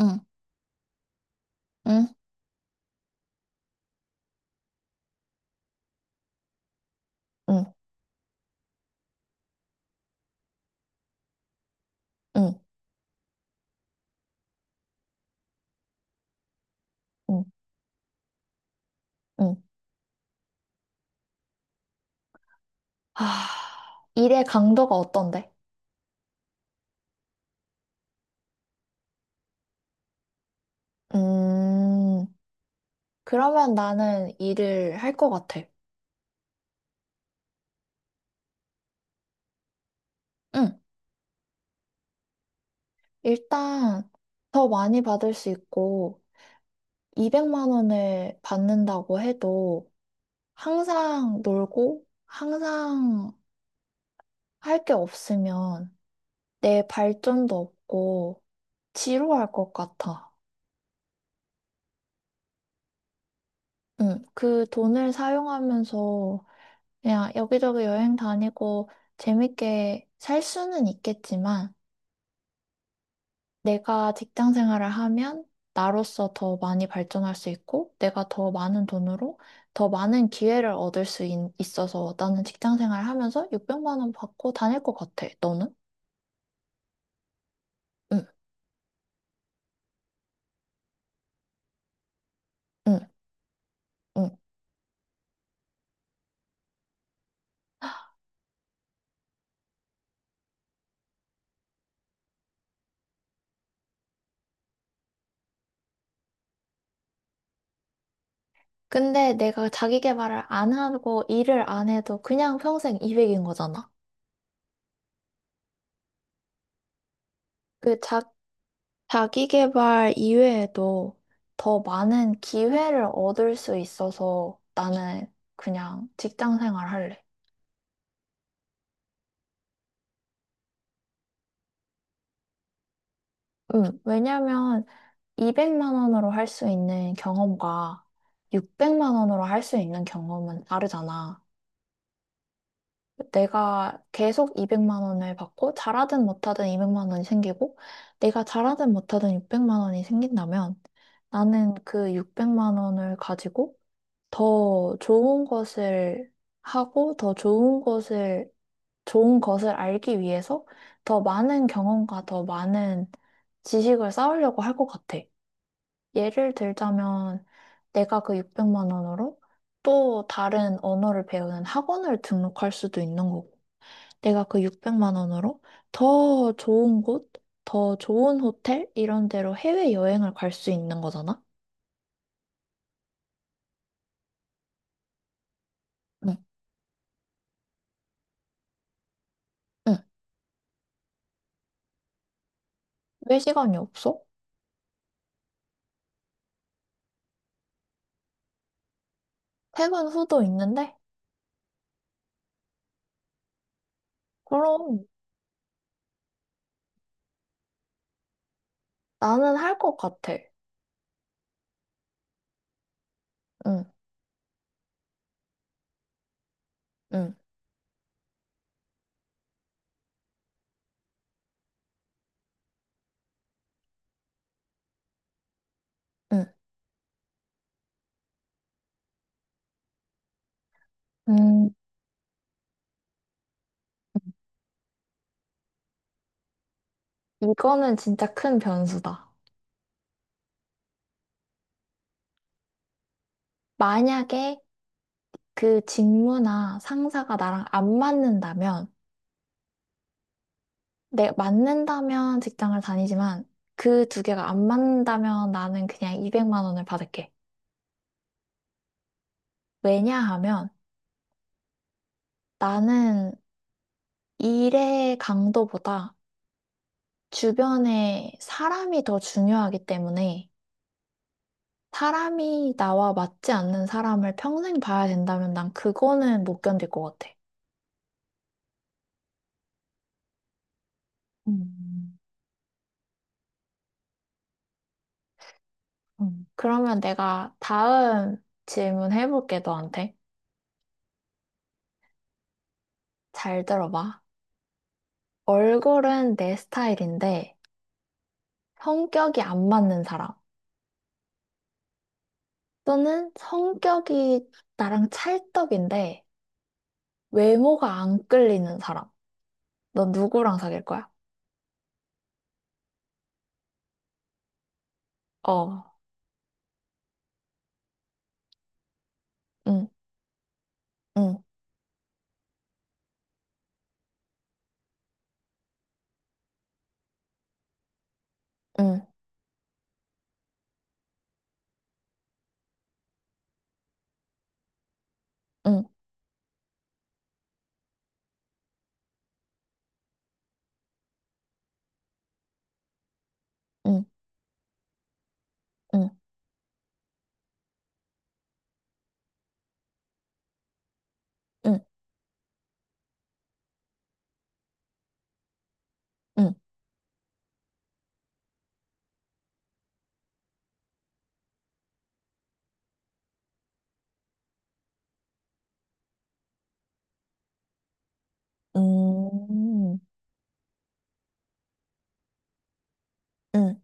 응, 응, 응, 응, 응, 응. 하, 일의 강도가 어떤데? 음, 그러면 나는 일을 할 것 같아. 응. 일단 더 많이 받을 수 있고 200만 원을 받는다고 해도 항상 놀고 항상 할 게 없으면 내 발전도 없고 지루할 것 같아. 응, 그 돈을 사용하면서 그냥 여기저기 여행 다니고 재밌게 살 수는 있겠지만 내가 직장 생활을 하면 나로서 더 많이 발전할 수 있고 내가 더 많은 돈으로 더 많은 기회를 얻을 수 있어서 나는 직장 생활 하면서 600만 원 받고 다닐 것 같아. 너는? 응, 응, 응. 근데 내가 자기 개발을 안 하고 일을 안 해도 그냥 평생 200인 거잖아. 그 자, 자기계발 이외에도 더 많은 기회를 얻을 수 있어서 나는 그냥 직장 생활 할래. 응. 왜냐면 200만 원으로 할 수 있는 경험과 600만 원으로 할 수 있는 경험은 다르잖아. 내가 계속 200만 원을 받고 잘하든 못하든 200만 원이 생기고 내가 잘하든 못하든 600만 원이 생긴다면 나는 그 600만 원을 가지고 더 좋은 것을 하고 더 좋은 것을 좋은 것을 알기 위해서 더 많은 경험과 더 많은 지식을 쌓으려고 할 것 같아. 예를 들자면 내가 그 600만 원으로 또 다른 언어를 배우는 학원을 등록할 수도 있는 거고, 내가 그 600만 원으로 더 좋은 곳, 더 좋은 호텔 이런 데로 해외 여행을 갈 수 있는 거잖아. 응, 응. 왜 시간이 없어? 퇴근 후도 있는데 그럼 나는 할 것 같아. 응, 응, 응. 음, 이거는 진짜 큰 변수다. 만약에 그 직무나 상사가 나랑 안 맞는다면, 내 맞는다면 직장을 다니지만 그 두 개가 안 맞는다면 나는 그냥 200만 원을 받을게. 왜냐하면 나는 일의 강도보다 주변에 사람이 더 중요하기 때문에 사람이 나와 맞지 않는 사람을 평생 봐야 된다면 난 그거는 못 견딜 것 같아. 음, 그러면 내가 다음 질문 해볼게, 너한테. 잘 들어봐. 얼굴은 내 스타일인데 성격이 안 맞는 사람. 또는 성격이 나랑 찰떡인데 외모가 안 끌리는 사람. 너 누구랑 사귈 거야? 어, 응, 응, 응, 응, 응, 응, 응, 응, 응, 응, 응.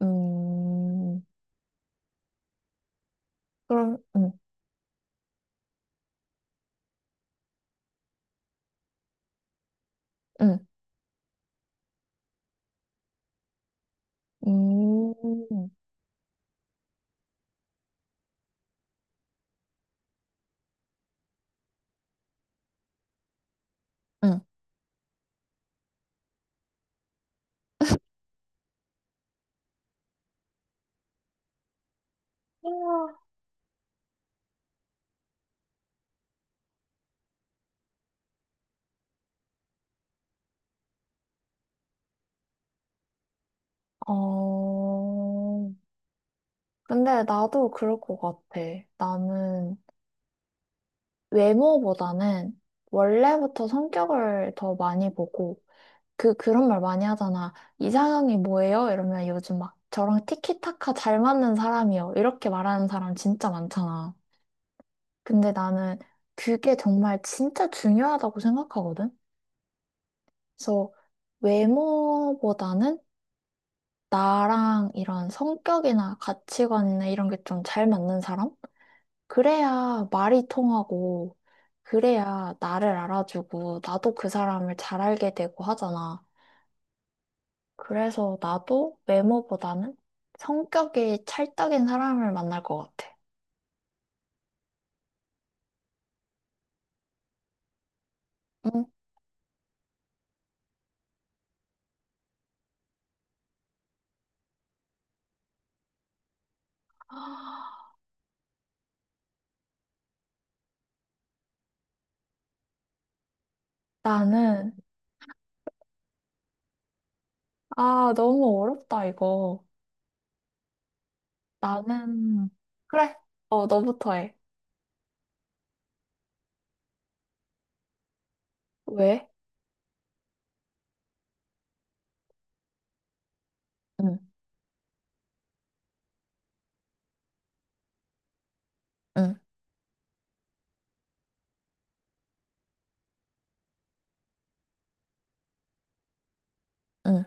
음, 그럼, 음, 음, 음, 음. 어, 근데 나도 그럴 것 같아. 나는 외모보다는 원래부터 성격을 더 많이 보고, 그런 말 많이 하잖아. 이상형이 뭐예요? 이러면 요즘 막 저랑 티키타카 잘 맞는 사람이요. 이렇게 말하는 사람 진짜 많잖아. 근데 나는 그게 정말 진짜 중요하다고 생각하거든? 그래서 외모보다는 나랑 이런 성격이나 가치관이나 이런 게 좀 잘 맞는 사람? 그래야 말이 통하고, 그래야 나를 알아주고, 나도 그 사람을 잘 알게 되고 하잖아. 그래서 나도 외모보다는 성격이 찰떡인 사람을 만날 것 같아. 응? 나는, 아, 너무 어렵다, 이거. 나는, 그래, 어, 너부터 해. 왜? 응, 응, 응.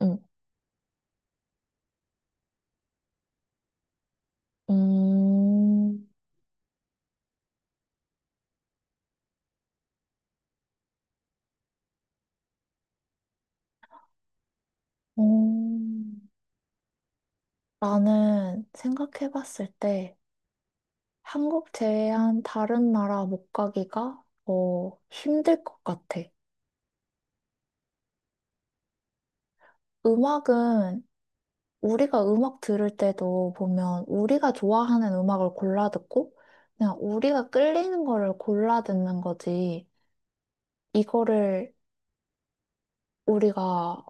응. 음, 음. 나는 생각해봤을 때 한국 제외한 다른 나라 못 가기가 어, 힘들 것 같아. 음악은 우리가 음악 들을 때도 보면 우리가 좋아하는 음악을 골라 듣고 그냥 우리가 끌리는 거를 골라 듣는 거지. 이거를 우리가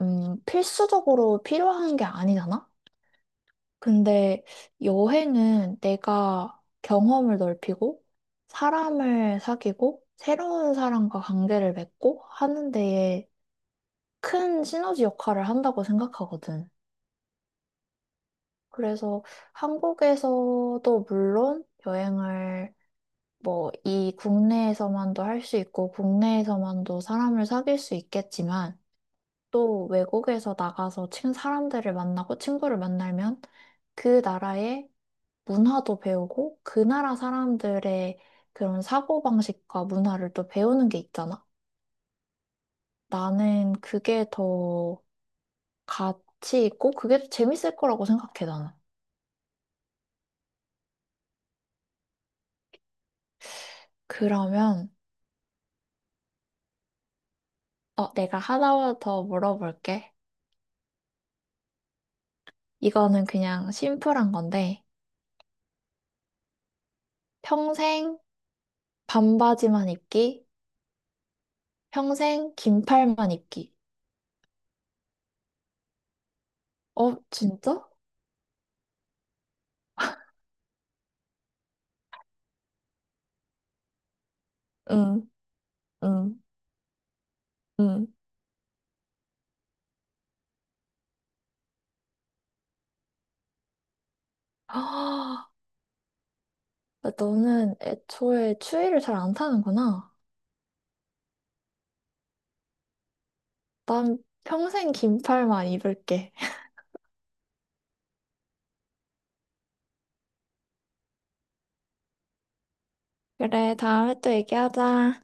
필수적으로 필요한 게 아니잖아? 근데 여행은 내가 경험을 넓히고 사람을 사귀고 새로운 사람과 관계를 맺고 하는 데에 큰 시너지 역할을 한다고 생각하거든. 그래서 한국에서도 물론 여행을 뭐 이 국내에서만도 할 수 있고 국내에서만도 사람을 사귈 수 있겠지만 또 외국에서 나가서 친 사람들을 만나고 친구를 만나면 그 나라의 문화도 배우고 그 나라 사람들의 그런 사고방식과 문화를 또 배우는 게 있잖아. 나는 그게 더 가치 있고 그게 더 재밌을 거라고 생각해, 나는. 그러면 어, 내가 하나 더 물어볼게. 이거는 그냥 심플한 건데 평생 반바지만 입기, 평생 긴팔만 입기. 어, 진짜? 응, 응, 응. 아, 너는 애초에 추위를 잘 안 타는구나. 난 평생 긴팔만 입을게. 그래, 다음에 또 얘기하자.